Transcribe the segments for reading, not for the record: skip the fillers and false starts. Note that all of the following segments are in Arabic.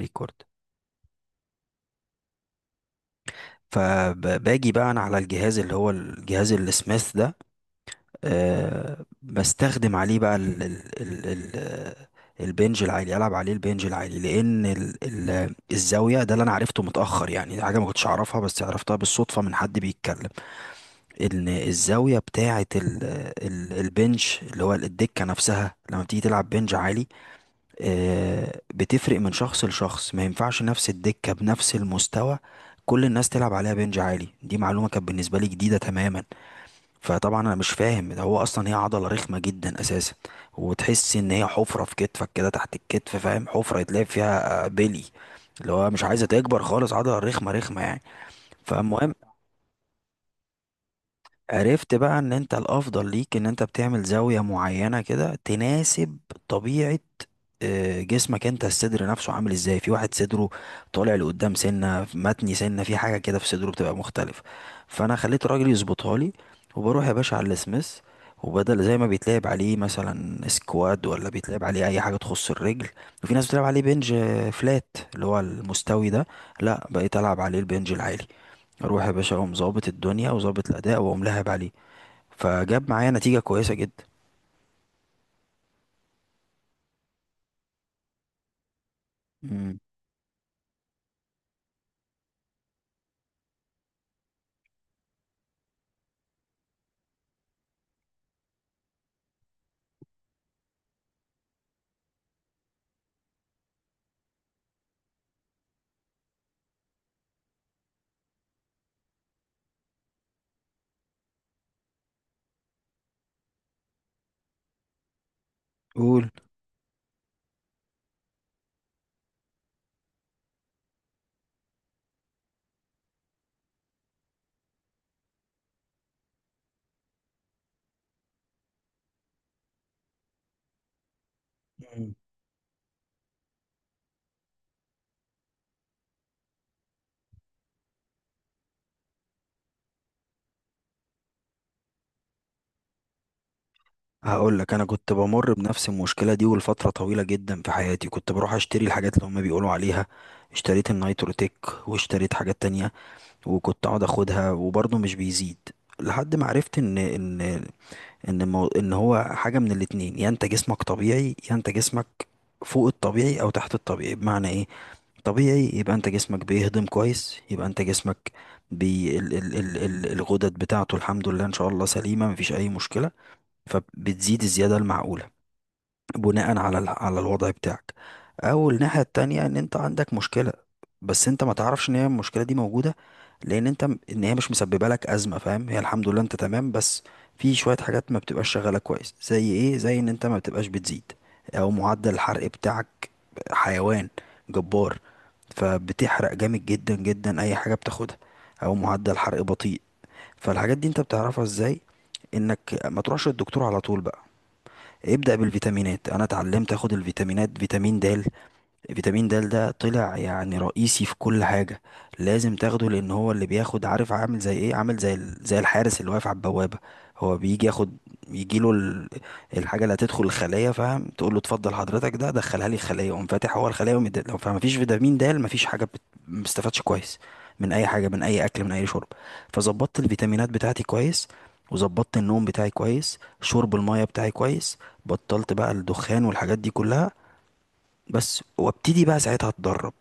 ريكورد. فباجي بقى انا على الجهاز اللي هو الجهاز السميث ده. بستخدم عليه بقى ال ال ال ال البنج العالي. العب عليه البنج العالي لان ال ال الزاويه ده اللي انا عرفته متاخر، يعني دي حاجه ما كنتش اعرفها بس عرفتها بالصدفه من حد بيتكلم ان الزاويه بتاعه ال ال البنج اللي هو الدكه نفسها لما بتيجي تلعب بنج عالي بتفرق من شخص لشخص، ما ينفعش نفس الدكة بنفس المستوى كل الناس تلعب عليها بنج عالي. دي معلومة كانت بالنسبة لي جديدة تماما. فطبعا انا مش فاهم ده، هو اصلا هي عضلة رخمة جدا اساسا وتحس ان هي حفرة في كتفك كده تحت الكتف، فاهم؟ حفرة يتلعب فيها بلي، اللي هو مش عايزة تكبر خالص، عضلة رخمة رخمة يعني. فالمهم عرفت بقى ان انت الافضل ليك ان انت بتعمل زاوية معينة كده تناسب طبيعة جسمك انت، الصدر نفسه عامل ازاي، في واحد صدره طالع لقدام سنة متني سنة، في حاجة كده في صدره بتبقى مختلف. فانا خليت الراجل يظبطها لي وبروح يا باشا على السميث، وبدل زي ما بيتلعب عليه مثلا سكواد ولا بيتلعب عليه اي حاجة تخص الرجل، وفي ناس بتلعب عليه بنج فلات اللي هو المستوي ده، لا بقيت العب عليه البنج العالي. اروح يا باشا اقوم ظابط الدنيا وظابط الاداء واقوم لاعب عليه، فجاب معايا نتيجه كويسه جدا. امم. قول. مم. هقول لك، انا كنت بمر بنفس المشكله دي ولفتره طويله جدا في حياتي، كنت بروح اشتري الحاجات اللي هما بيقولوا عليها. اشتريت النيتروتيك واشتريت حاجات تانية وكنت اقعد اخدها وبرضه مش بيزيد. لحد ما عرفت ان هو حاجه من الاتنين، يا انت جسمك طبيعي يا انت جسمك فوق الطبيعي او تحت الطبيعي. بمعنى ايه؟ طبيعي يبقى انت جسمك بيهضم كويس، يبقى انت جسمك بي ال ال ال ال الغدد بتاعته الحمد لله ان شاء الله سليمه، مفيش اي مشكله، فبتزيد الزياده المعقوله بناء على على الوضع بتاعك. او الناحيه التانية ان انت عندك مشكله بس انت ما تعرفش ان هي المشكله دي موجوده، لان انت ان هي مش مسببه لك ازمه، فاهم؟ هي الحمد لله انت تمام، بس في شويه حاجات ما بتبقاش شغاله كويس. زي ايه؟ زي ان انت ما بتبقاش بتزيد، او معدل الحرق بتاعك حيوان جبار فبتحرق جامد جدا جدا اي حاجه بتاخدها، او معدل حرق بطيء. فالحاجات دي انت بتعرفها ازاي؟ انك ما تروحش للدكتور على طول بقى، ابدأ بالفيتامينات. انا اتعلمت اخد الفيتامينات، فيتامين د. فيتامين د ده طلع يعني رئيسي في كل حاجة، لازم تاخده، لأن هو اللي بياخد، عارف عامل زي ايه؟ عامل زي زي الحارس اللي واقف على البوابة، هو بيجي ياخد، يجيله الحاجة اللي هتدخل الخلية، فاهم؟ تقول له اتفضل حضرتك ده دخلها لي الخلية، يقوم فاتح هو الخلية لو فما فيش فيتامين د، ما فيش حاجة ما بستفادش كويس من أي حاجة، من أي أكل، من أي شرب. فظبطت الفيتامينات بتاعتي كويس، وظبطت النوم بتاعي كويس، شرب المية بتاعي كويس، بطلت بقى الدخان والحاجات دي كلها بس، وابتدي بقى ساعتها اتدرب،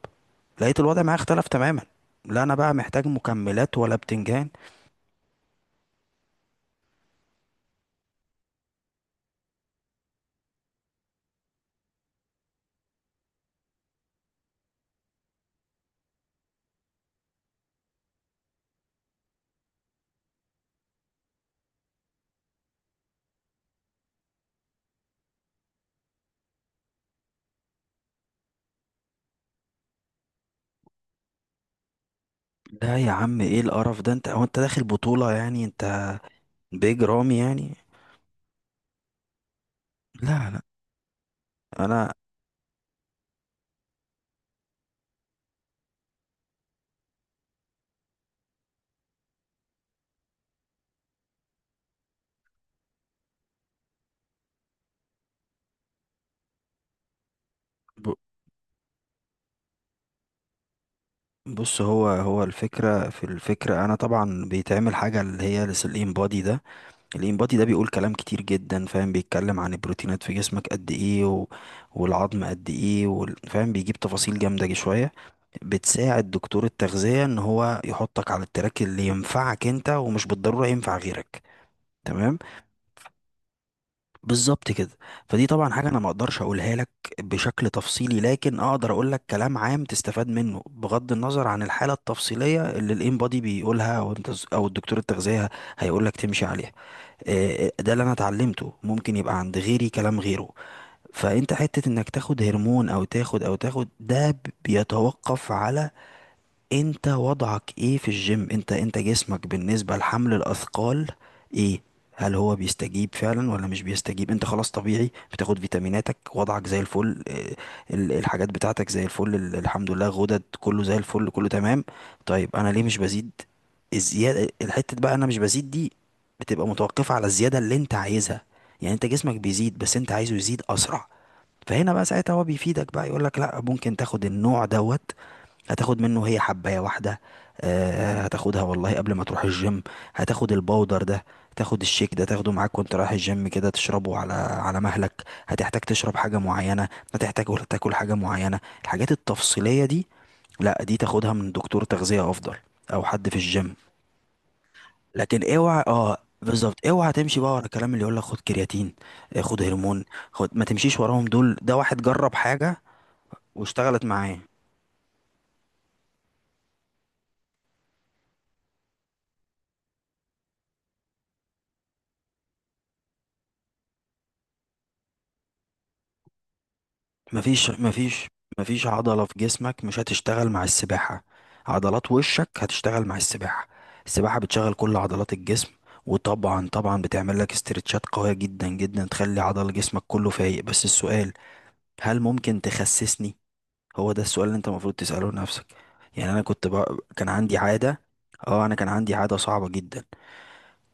لقيت الوضع معايا اختلف تماما، لا انا بقى محتاج مكملات ولا بتنجان. لا يا عم، ايه القرف ده؟ انت هو انت داخل بطولة يعني؟ انت بيج رامي يعني؟ لا لا، انا ب- بص، هو هو الفكرة، في الفكرة انا طبعا بيتعمل حاجة اللي هي الانبادي ده. الانبادي ده بيقول كلام كتير جدا، فاهم؟ بيتكلم عن البروتينات في جسمك قد ايه والعظم قد ايه فاهم؟ بيجيب تفاصيل جامدة جي شوية بتساعد دكتور التغذية ان هو يحطك على التراك اللي ينفعك انت ومش بالضرورة ينفع غيرك. تمام؟ بالظبط كده. فدي طبعا حاجة انا ما اقدرش اقولها لك بشكل تفصيلي، لكن اقدر اقول لك كلام عام تستفاد منه بغض النظر عن الحالة التفصيلية اللي الانبادي بيقولها او انت او الدكتور التغذية هيقول لك تمشي عليها. ده اللي انا اتعلمته، ممكن يبقى عند غيري كلام غيره. فانت حتة انك تاخد هرمون او تاخد ده، بيتوقف على انت وضعك ايه في الجيم، انت جسمك بالنسبة لحمل الاثقال ايه، هل هو بيستجيب فعلا ولا مش بيستجيب؟ انت خلاص طبيعي، بتاخد فيتاميناتك، وضعك زي الفل، الحاجات بتاعتك زي الفل، الحمد لله غدد كله زي الفل، كله تمام. طيب انا ليه مش بزيد؟ الزيادة، الحتة بقى انا مش بزيد دي، بتبقى متوقفة على الزيادة اللي انت عايزها. يعني انت جسمك بيزيد بس انت عايزه يزيد اسرع، فهنا بقى ساعتها هو بيفيدك بقى، يقولك لا ممكن تاخد النوع دوت، هتاخد منه هي حباية واحدة، هتاخدها والله قبل ما تروح الجيم، هتاخد الباودر ده، تاخد الشيك ده، تاخده معاك وانت رايح الجيم كده تشربه على مهلك، هتحتاج تشرب حاجة معينة، هتحتاج تاكل حاجة معينة. الحاجات التفصيلية دي لا، دي تاخدها من دكتور تغذية افضل، او حد في الجيم. لكن اوعى، اه بالظبط، اوعى تمشي بقى ورا الكلام اللي يقول لك خد كرياتين، خد هرمون، خد. ما تمشيش وراهم دول، ده واحد جرب حاجة واشتغلت معاه. مفيش مفيش مفيش عضلة في جسمك مش هتشتغل مع السباحة، عضلات وشك هتشتغل مع السباحة. السباحة بتشغل كل عضلات الجسم، وطبعا طبعا بتعمل لك استرتشات قوية جدا جدا تخلي عضل جسمك كله فايق. بس السؤال، هل ممكن تخسسني؟ هو ده السؤال اللي انت المفروض تسأله لنفسك. يعني انا كنت بقى كان عندي عادة، اه انا كان عندي عادة صعبة جدا،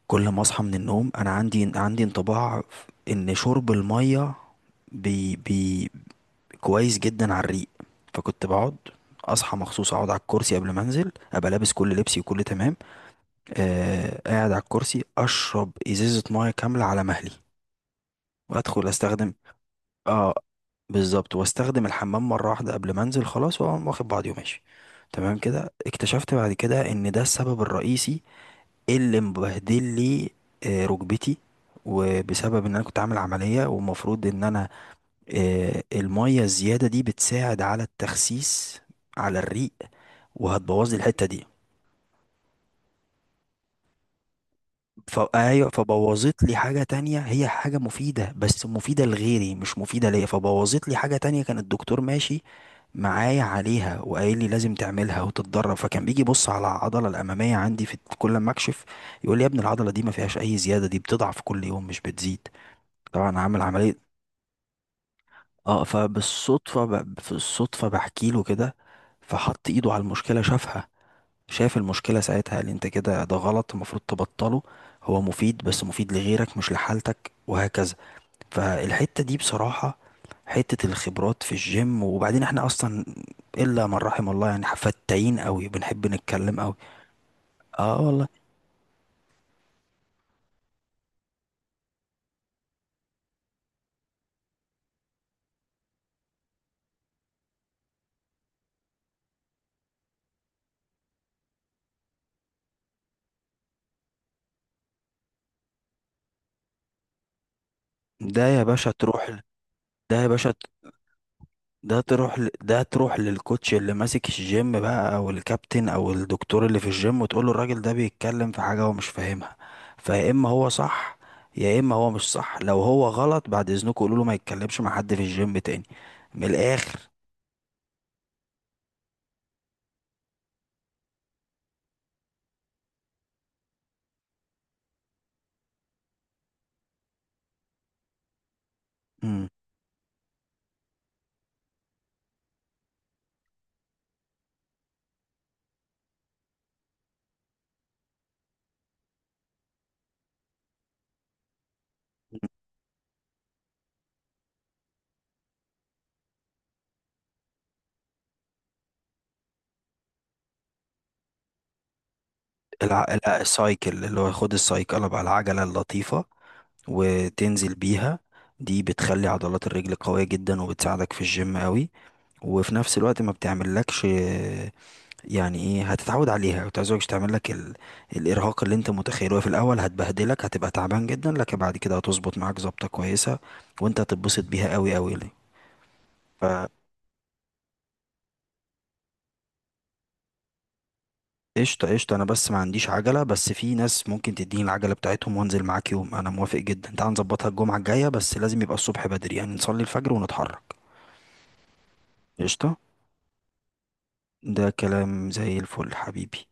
كل ما اصحى من النوم انا عندي انطباع ان شرب المية بي بي كويس جدا على الريق. فكنت بقعد، اصحى مخصوص اقعد على الكرسي قبل ما انزل، ابقى لابس كل لبسي وكل تمام، قاعد على الكرسي اشرب ازازه ميه كامله على مهلي، وادخل استخدم، اه بالظبط، واستخدم الحمام مره واحده قبل ما انزل، خلاص واقوم واخد بعضي وماشي. تمام كده اكتشفت بعد كده ان ده السبب الرئيسي اللي مبهدل لي ركبتي، وبسبب ان انا كنت عامل عمليه ومفروض ان انا، المية الزيادة دي بتساعد على التخسيس على الريق وهتبوظ لي الحتة دي. فأيوة، فبوظت لي حاجة تانية، هي حاجة مفيدة بس مفيدة لغيري مش مفيدة ليا، فبوظت لي حاجة تانية كان الدكتور ماشي معايا عليها وقايل لي لازم تعملها وتتدرب. فكان بيجي يبص على العضلة الأمامية عندي في كل ما أكشف، يقول لي يا ابني العضلة دي ما فيهاش أي زيادة، دي بتضعف كل يوم مش بتزيد، طبعا عامل عملية. اه، فبالصدفة في الصدفة بحكي له كده، فحط ايده على المشكلة، شافها، شاف المشكلة، ساعتها قال لي انت كده ده غلط، المفروض تبطله، هو مفيد بس مفيد لغيرك مش لحالتك وهكذا. فالحتة دي بصراحة، حتة الخبرات في الجيم، وبعدين احنا اصلا الا من رحم الله، يعني فتاين قوي، بنحب نتكلم قوي. اه والله. ده يا باشا تروح ده يا باشا ده تروح ل... ده تروح للكوتش اللي ماسك الجيم بقى، او الكابتن، او الدكتور اللي في الجيم، وتقول له الراجل ده بيتكلم في حاجة هو مش فاهمها، فيا اما هو صح يا اما هو مش صح. لو هو غلط، بعد اذنكم قولوا له ما يتكلمش مع حد في الجيم تاني، من الاخر. امم. السايكل، اللي هو خد السايكل بقى، العجلة اللطيفة، وتنزل بيها، دي بتخلي عضلات الرجل قوية جدا وبتساعدك في الجيم قوي، وفي نفس الوقت ما بتعملكش، يعني ايه، هتتعود عليها وتعوزك تعمل لك الارهاق اللي انت متخيله في الاول، هتبهدلك، هتبقى تعبان جدا، لكن بعد كده هتظبط معاك ظبطه كويسه وانت هتتبسط بيها قوي قوي. ليه؟ فقشطه قشطه، انا بس ما عنديش عجله، بس في ناس ممكن تديني العجله بتاعتهم وانزل معاك يوم، انا موافق جدا، تعال نظبطها الجمعه الجايه، بس لازم يبقى الصبح بدري، يعني نصلي الفجر ونتحرك. قشطه. ده كلام زي الفل حبيبي.